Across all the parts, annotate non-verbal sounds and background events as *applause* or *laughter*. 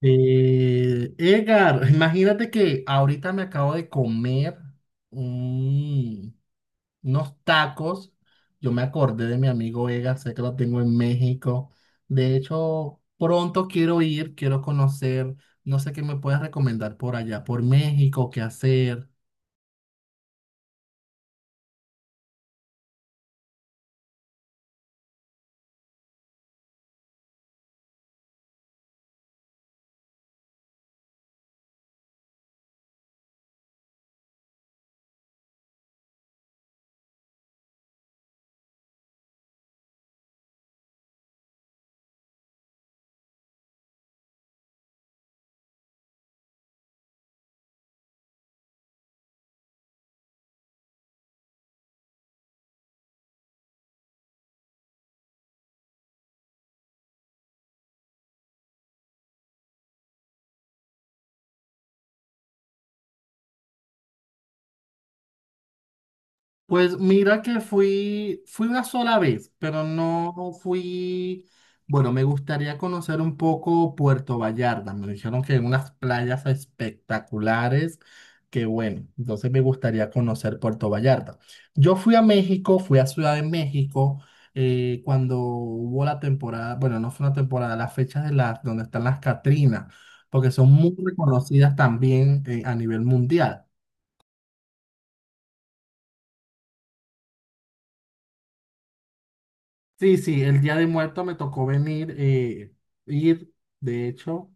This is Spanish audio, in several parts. Edgar, *laughs* imagínate que ahorita me acabo de comer un- unos tacos. Yo me acordé de mi amigo Edgar, sé que lo tengo en México. De hecho, pronto quiero ir, quiero conocer. No sé qué me puedes recomendar por allá, por México, qué hacer. Pues mira que fui una sola vez, pero no fui, bueno, me gustaría conocer un poco Puerto Vallarta. Me dijeron que hay unas playas espectaculares, que bueno, entonces me gustaría conocer Puerto Vallarta. Yo fui a México, fui a Ciudad de México, cuando hubo la temporada, bueno, no fue una temporada, las fechas de las, donde están las Catrinas, porque son muy reconocidas también, a nivel mundial. Sí, sí, el Día de Muerto me tocó venir, ir, de hecho,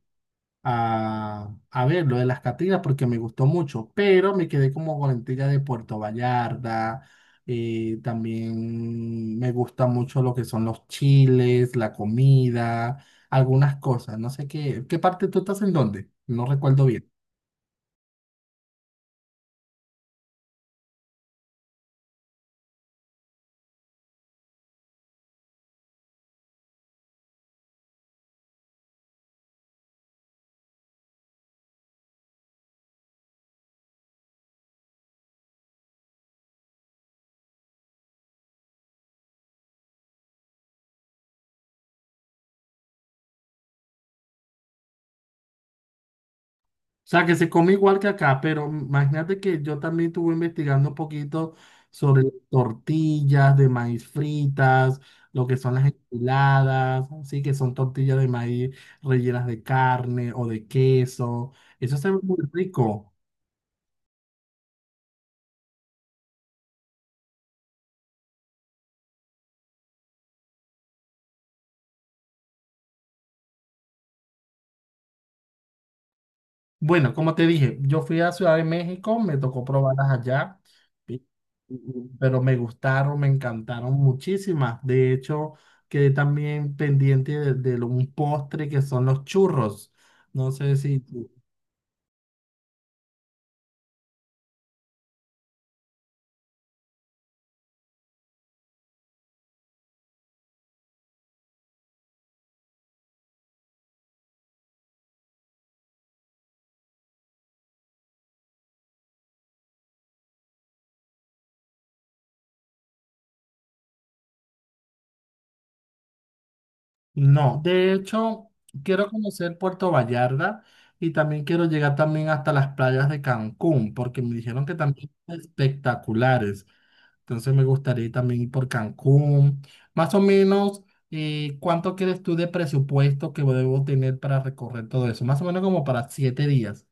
a ver lo de las Catrinas porque me gustó mucho, pero me quedé como con la intriga de Puerto Vallarta, también me gusta mucho lo que son los chiles, la comida, algunas cosas, no sé qué, ¿qué parte tú estás en dónde? No recuerdo bien. O sea, que se come igual que acá, pero imagínate que yo también estuve investigando un poquito sobre tortillas de maíz fritas, lo que son las enchiladas, así que son tortillas de maíz rellenas de carne o de queso. Eso se ve muy rico. Bueno, como te dije, yo fui a Ciudad de México, me tocó probarlas allá, ¿sí? Pero me gustaron, me encantaron muchísimas. De hecho, quedé también pendiente de un postre que son los churros. No sé. No, de hecho, quiero conocer Puerto Vallarta y también quiero llegar también hasta las playas de Cancún, porque me dijeron que también son espectaculares. Entonces me gustaría ir también ir por Cancún. Más o menos, ¿cuánto crees tú de presupuesto que debo tener para recorrer todo eso? Más o menos como para 7 días.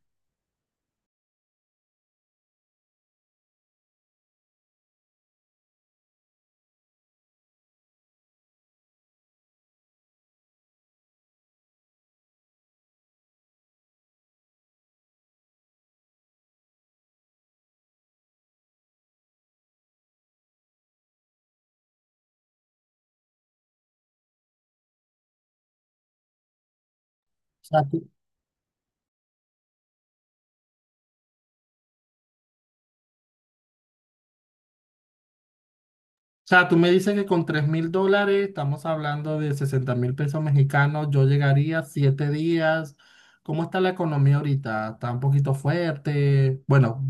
O sea, tú me dices que con 3.000 dólares, estamos hablando de 60.000 pesos mexicanos, yo llegaría 7 días. ¿Cómo está la economía ahorita? ¿Está un poquito fuerte? Bueno,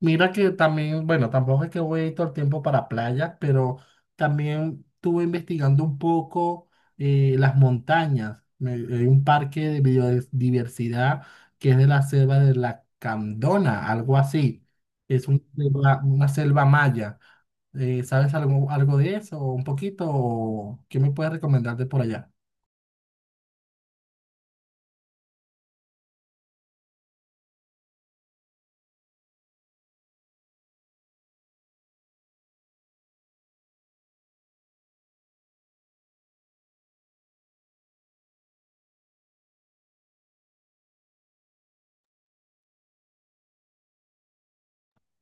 mira que también, bueno, tampoco es que voy todo el tiempo para playa, pero también estuve investigando un poco las montañas. Hay un parque de biodiversidad que es de la selva de la Candona, algo así. Es una selva maya. ¿Sabes algo de eso? ¿Un poquito? ¿O qué me puedes recomendar de por allá?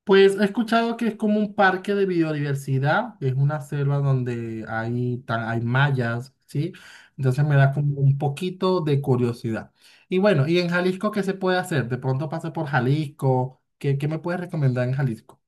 Pues he escuchado que es como un parque de biodiversidad, es una selva donde hay mallas, ¿sí? Entonces me da como un poquito de curiosidad. Y bueno, ¿y en Jalisco qué se puede hacer? De pronto pasé por Jalisco, ¿qué me puedes recomendar en Jalisco?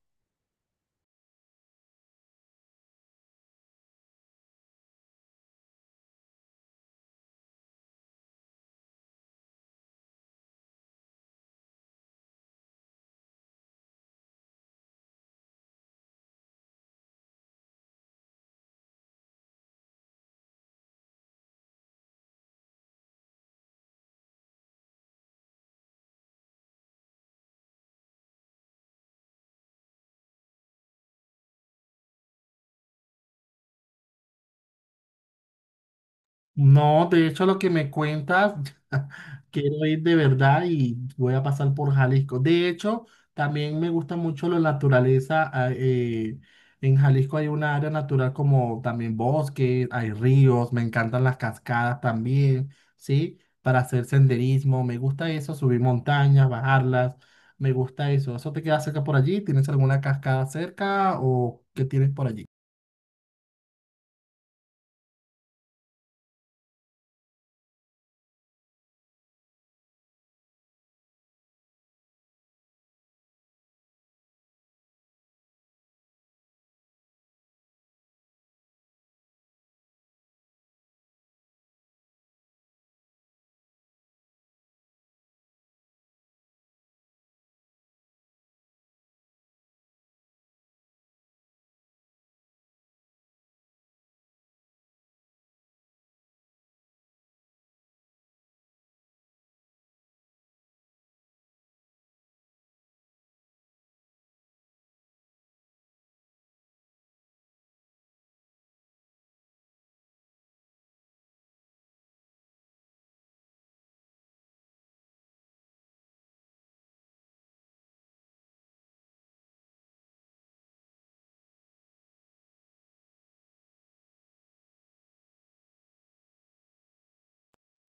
No, de hecho lo que me cuentas, *laughs* quiero ir de verdad y voy a pasar por Jalisco. De hecho, también me gusta mucho la naturaleza. Ah, en Jalisco hay una área natural como también bosque, hay ríos, me encantan las cascadas también, ¿sí? Para hacer senderismo, me gusta eso, subir montañas, bajarlas, me gusta eso. ¿Eso te queda cerca por allí? ¿Tienes alguna cascada cerca o qué tienes por allí?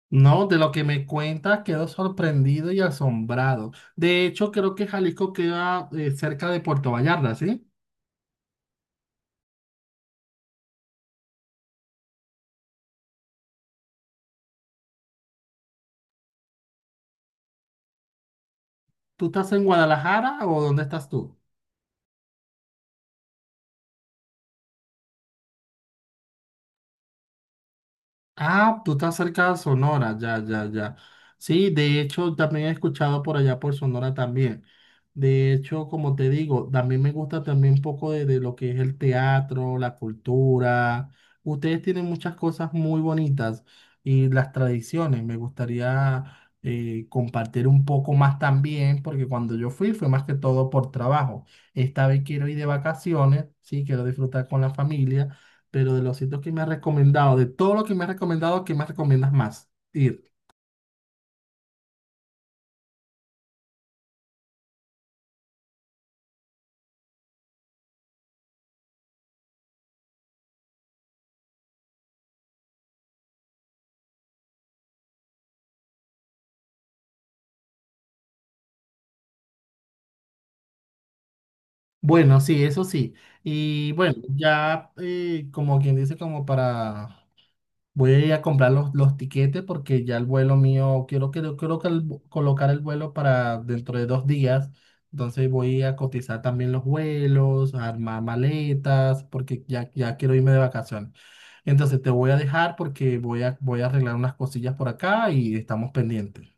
No, de lo que me cuentas quedo sorprendido y asombrado. De hecho, creo que Jalisco queda cerca de Puerto Vallarta, ¿sí? ¿Tú estás en Guadalajara o dónde estás tú? Ah, tú estás cerca de Sonora, ya, ya, ya. Sí, de hecho, también he escuchado por allá por Sonora también. De hecho, como te digo, también me gusta también un poco de lo que es el teatro, la cultura. Ustedes tienen muchas cosas muy bonitas y las tradiciones. Me gustaría compartir un poco más también, porque cuando yo fui fue más que todo por trabajo. Esta vez quiero ir de vacaciones, sí, quiero disfrutar con la familia. Pero de los sitios que me has recomendado, de todo lo que me has recomendado, ¿qué más recomiendas más ir? Bueno, sí, eso sí. Y bueno, ya como quien dice, como para. Voy a ir a comprar los tiquetes porque ya el vuelo mío, quiero colocar el vuelo para dentro de 2 días. Entonces voy a cotizar también los vuelos, a armar maletas, porque ya quiero irme de vacaciones. Entonces te voy a dejar porque voy a arreglar unas cosillas por acá y estamos pendientes.